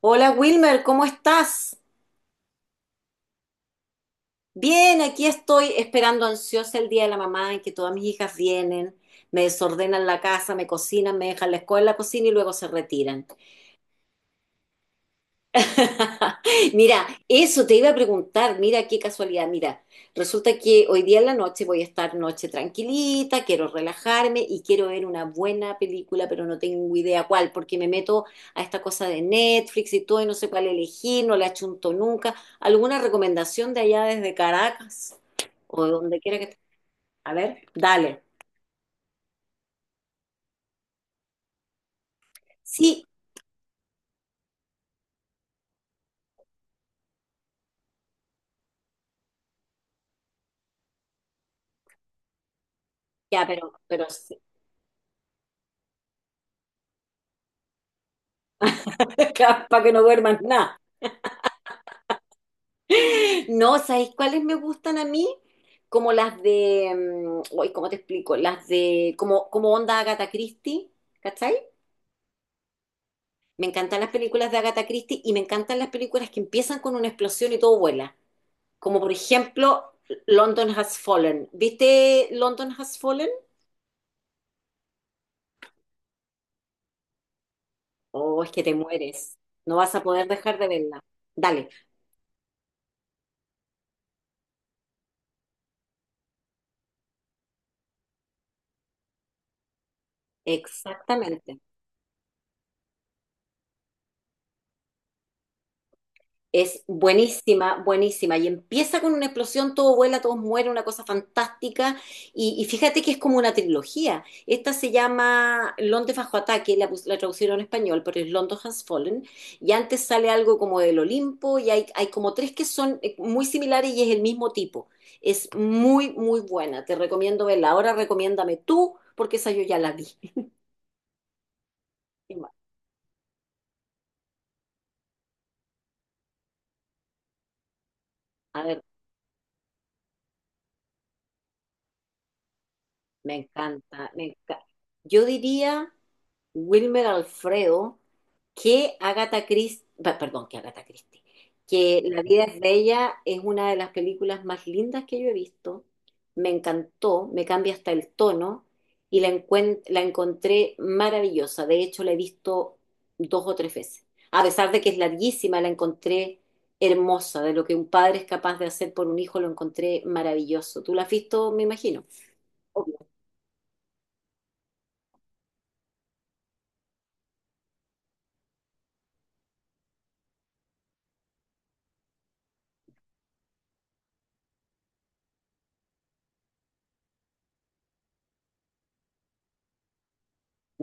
Hola Wilmer, ¿cómo estás? Bien, aquí estoy esperando ansiosa el día de la mamá en que todas mis hijas vienen, me desordenan la casa, me cocinan, me dejan la escuela en la cocina y luego se retiran. Mira, eso te iba a preguntar, mira qué casualidad, mira, resulta que hoy día en la noche voy a estar noche tranquilita, quiero relajarme y quiero ver una buena película, pero no tengo idea cuál, porque me meto a esta cosa de Netflix y todo y no sé cuál elegir, no la achunto nunca. ¿Alguna recomendación de allá desde Caracas o de donde quiera que esté? A ver, dale. Sí, ya, pero para que no duermas nada. No, ¿sabéis cuáles me gustan a mí? Como las de, uy, ¿cómo te explico? Las de, como onda Agatha Christie, ¿cachai? Me encantan las películas de Agatha Christie y me encantan las películas que empiezan con una explosión y todo vuela. Como por ejemplo, London Has Fallen. ¿Viste London Has Fallen? Oh, es que te mueres. No vas a poder dejar de verla. Dale, exactamente. Es buenísima, buenísima. Y empieza con una explosión, todo vuela, todos mueren, una cosa fantástica. Y fíjate que es como una trilogía. Esta se llama Londres bajo ataque, la traducieron en español, pero es London Has Fallen. Y antes sale algo como del Olimpo y hay como tres que son muy similares y es el mismo tipo. Es muy, muy buena. Te recomiendo verla. Ahora recomiéndame tú, porque esa yo ya la vi. A ver, me encanta, me encanta. Yo diría, Wilmer Alfredo, que Agatha Christie, perdón, que Agatha Christie, que La vida es bella es una de las películas más lindas que yo he visto. Me encantó, me cambia hasta el tono y la encontré maravillosa. De hecho, la he visto dos o tres veces. A pesar de que es larguísima, la encontré hermosa. De lo que un padre es capaz de hacer por un hijo, lo encontré maravilloso. Tú la has visto, me imagino.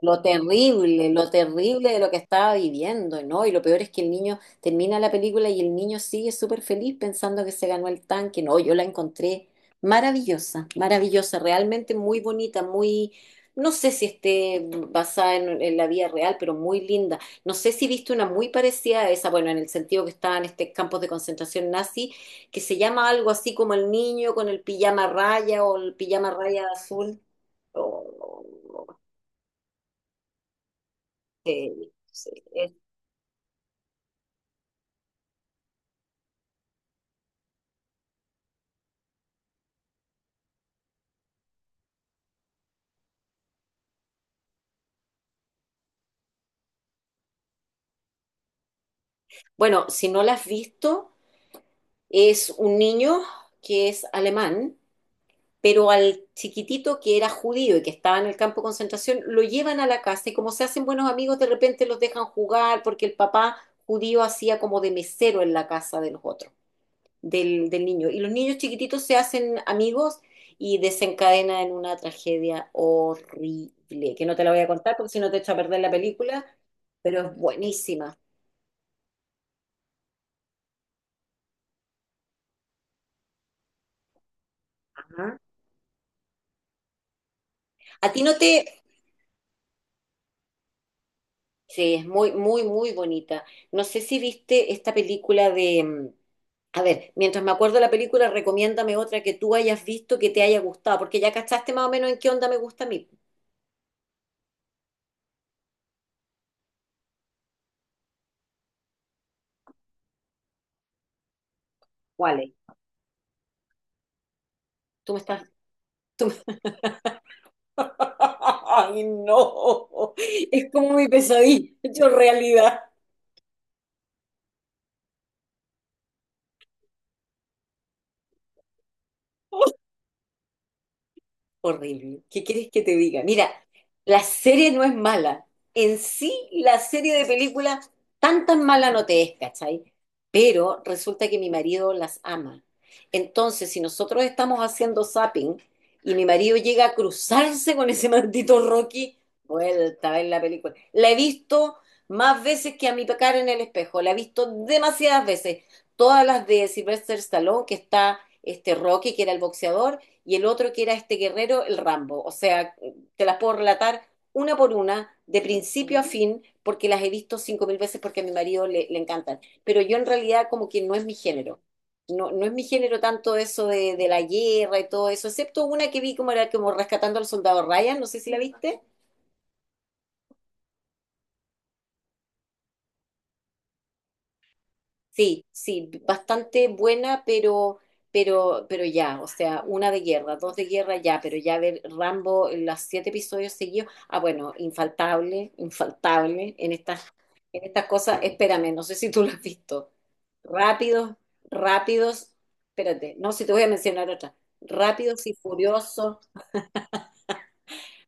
Lo terrible de lo que estaba viviendo, ¿no? Y lo peor es que el niño termina la película y el niño sigue súper feliz pensando que se ganó el tanque. No, yo la encontré maravillosa, maravillosa, realmente muy bonita, muy, no sé si esté basada en la vida real, pero muy linda. No sé si viste una muy parecida a esa, bueno, en el sentido que estaba en este campos de concentración nazi, que se llama algo así como el niño con el pijama raya o el pijama raya azul. Sí, sí. Bueno, si no la has visto, es un niño que es alemán, pero al chiquitito que era judío y que estaba en el campo de concentración, lo llevan a la casa y como se hacen buenos amigos, de repente los dejan jugar porque el papá judío hacía como de mesero en la casa de los otros, del niño. Y los niños chiquititos se hacen amigos y desencadena en una tragedia horrible, que no te la voy a contar porque si no te echo a perder la película, pero es buenísima. Ajá. ¿A ti no te? Sí, es muy, muy, muy bonita. No sé si viste esta película de a ver, mientras me acuerdo de la película, recomiéndame otra que tú hayas visto que te haya gustado, porque ya cachaste más o menos en qué onda me gusta a mí. ¿Cuál es? Tú me estás. tú me- ¡Ay, no! Es como mi pesadilla hecho realidad. Horrible. ¿Qué quieres que te diga? Mira, la serie no es mala. En sí, la serie de películas tan tan mala no te es, ¿cachai? Pero resulta que mi marido las ama. Entonces, si nosotros estamos haciendo zapping y mi marido llega a cruzarse con ese maldito Rocky, vuelta a ver la película. La he visto más veces que a mi pecar en el espejo. La he visto demasiadas veces. Todas las de Sylvester Stallone, que está este Rocky, que era el boxeador y el otro que era este guerrero, el Rambo. O sea, te las puedo relatar una por una, de principio a fin, porque las he visto 5.000 veces porque a mi marido le encantan. Pero yo en realidad como que no es mi género. No, no es mi género tanto eso de la guerra y todo eso, excepto una que vi como era como Rescatando al Soldado Ryan, no sé si la viste. Sí, sí, bastante buena, pero ya, o sea, una de guerra, dos de guerra ya, pero ya ver Rambo, los siete episodios seguidos, ah, bueno, infaltable, infaltable en estas cosas, espérame, no sé si tú lo has visto. Rápidos, rápidos, espérate, no, si te voy a mencionar otra. Rápidos y Furiosos,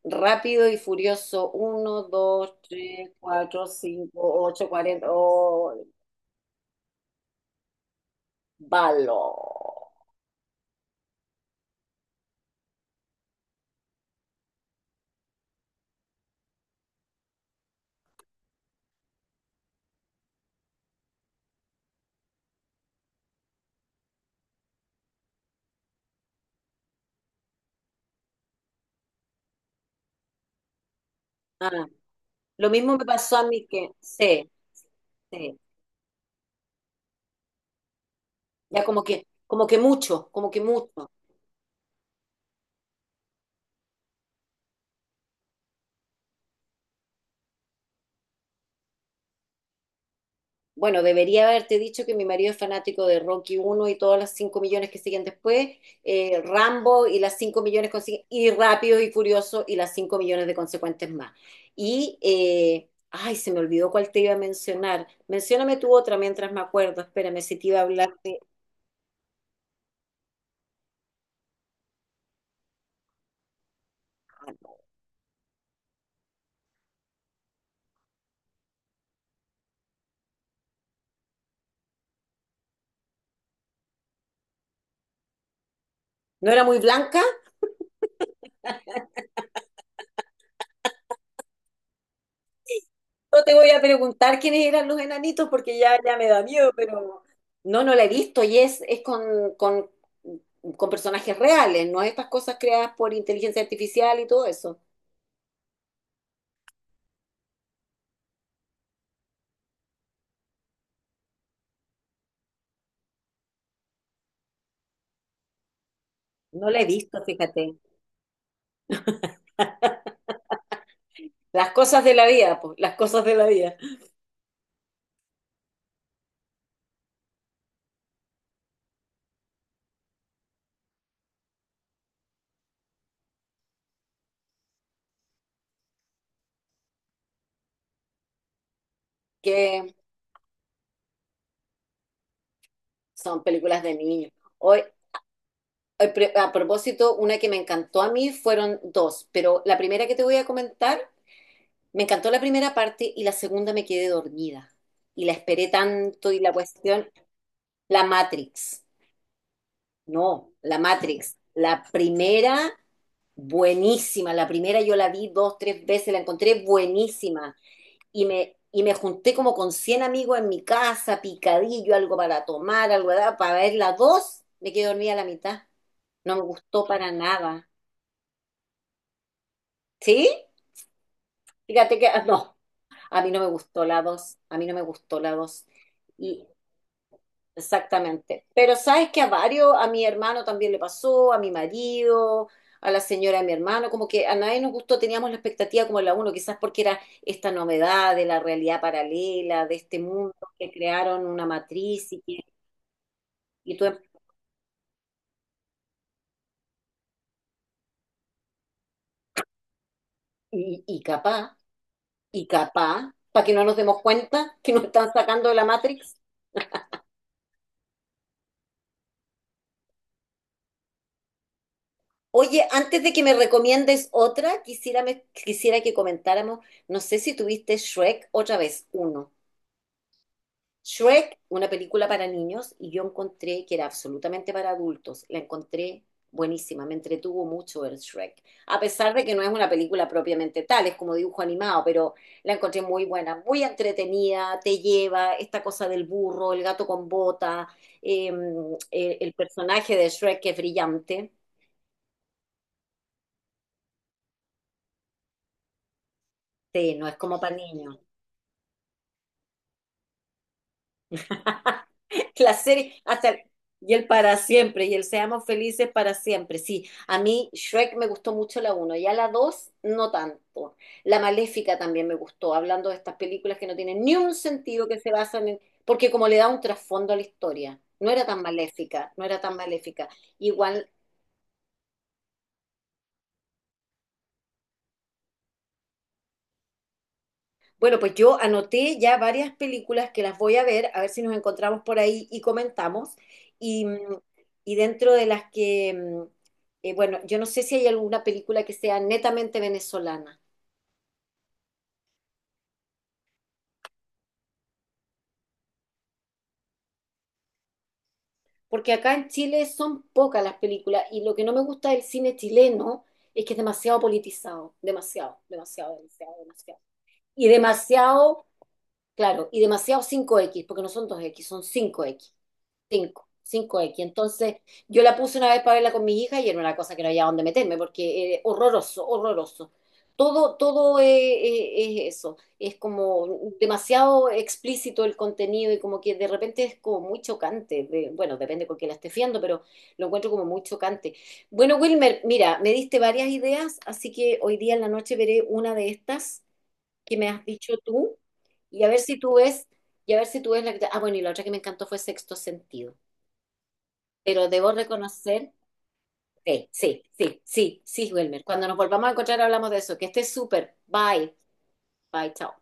Rápido y Furioso, uno, 2, 3, 4, 5, 8, 40, oh, balo. Ah, lo mismo me pasó a mí que, sí, sí, ya como que mucho, como que mucho. Bueno, debería haberte dicho que mi marido es fanático de Rocky uno y todas las 5 millones que siguen después, Rambo y las 5 millones consiguen, y Rápidos y Furiosos y las 5 millones de consecuentes más. Y, ay, se me olvidó cuál te iba a mencionar. Mencióname tú otra mientras me acuerdo, espérame si te iba a hablar de. Ah, no. ¿No era muy blanca? No te voy a preguntar quiénes eran los enanitos porque ya, ya me da miedo, pero no, no la he visto y es con, con personajes reales, no estas cosas creadas por inteligencia artificial y todo eso. No la he visto, fíjate. Las cosas de la vida, pues, las cosas de la vida, que son películas de niños. Hoy, hoy, a propósito, una que me encantó a mí fueron dos, pero la primera que te voy a comentar, me encantó la primera parte y la segunda me quedé dormida. Y la esperé tanto y la cuestión, La Matrix, no, La Matrix. La primera, buenísima. La primera yo la vi dos, tres veces, la encontré buenísima. Y me junté como con 100 amigos en mi casa, picadillo, algo para tomar, para ver la dos. Me quedé dormida a la mitad. No me gustó para nada. ¿Sí? Fíjate que ah, no, a mí no me gustó la dos. A mí no me gustó la dos. Exactamente. Pero sabes que a varios, a mi hermano también le pasó, a mi marido, a la señora de mi hermano, como que a nadie nos gustó, teníamos la expectativa como la uno, quizás porque era esta novedad de la realidad paralela, de este mundo que crearon una matriz y, y, tú, y, y capaz, y capaz, para que no nos demos cuenta que nos están sacando de la Matrix. Oye, antes de que me recomiendes otra, quisiera, quisiera que comentáramos, no sé si tuviste Shrek otra vez, uno. Shrek, una película para niños, y yo encontré que era absolutamente para adultos. La encontré buenísima, me entretuvo mucho ver Shrek. A pesar de que no es una película propiamente tal, es como dibujo animado, pero la encontré muy buena, muy entretenida, te lleva esta cosa del burro, el gato con bota, eh, el personaje de Shrek que es brillante. Sí, no es como para niños. la serie, y el para siempre, y el seamos felices para siempre. Sí, a mí Shrek me gustó mucho la uno, ya la 2 no tanto. La Maléfica también me gustó, hablando de estas películas que no tienen ni un sentido que se basan en, porque como le da un trasfondo a la historia, no era tan maléfica, no era tan maléfica. Igual. Bueno, pues yo anoté ya varias películas que las voy a ver si nos encontramos por ahí y comentamos. Y, mm, y dentro de las que, bueno, yo no sé si hay alguna película que sea netamente venezolana, porque acá en Chile son pocas las películas y lo que no me gusta del cine chileno es que es demasiado politizado, demasiado, demasiado, demasiado, demasiado. Y demasiado, claro, y demasiado cinco x porque no son dos x son cinco x 5 5X. Entonces, yo la puse una vez para verla con mi hija y era una cosa que no había dónde meterme porque horroroso, horroroso. Todo, todo es eso. Es como demasiado explícito el contenido y como que de repente es como muy chocante. Bueno, depende con quién la esté fiando, pero lo encuentro como muy chocante. Bueno, Wilmer, mira, me diste varias ideas, así que hoy día en la noche veré una de estas que me has dicho tú y a ver si tú ves, la que. Ah, bueno, y la otra que me encantó fue Sexto Sentido. Pero debo reconocer, sí, sí, sí, sí, sí, Wilmer. Cuando nos volvamos a encontrar hablamos de eso. Que estés súper. Bye. Bye, chao.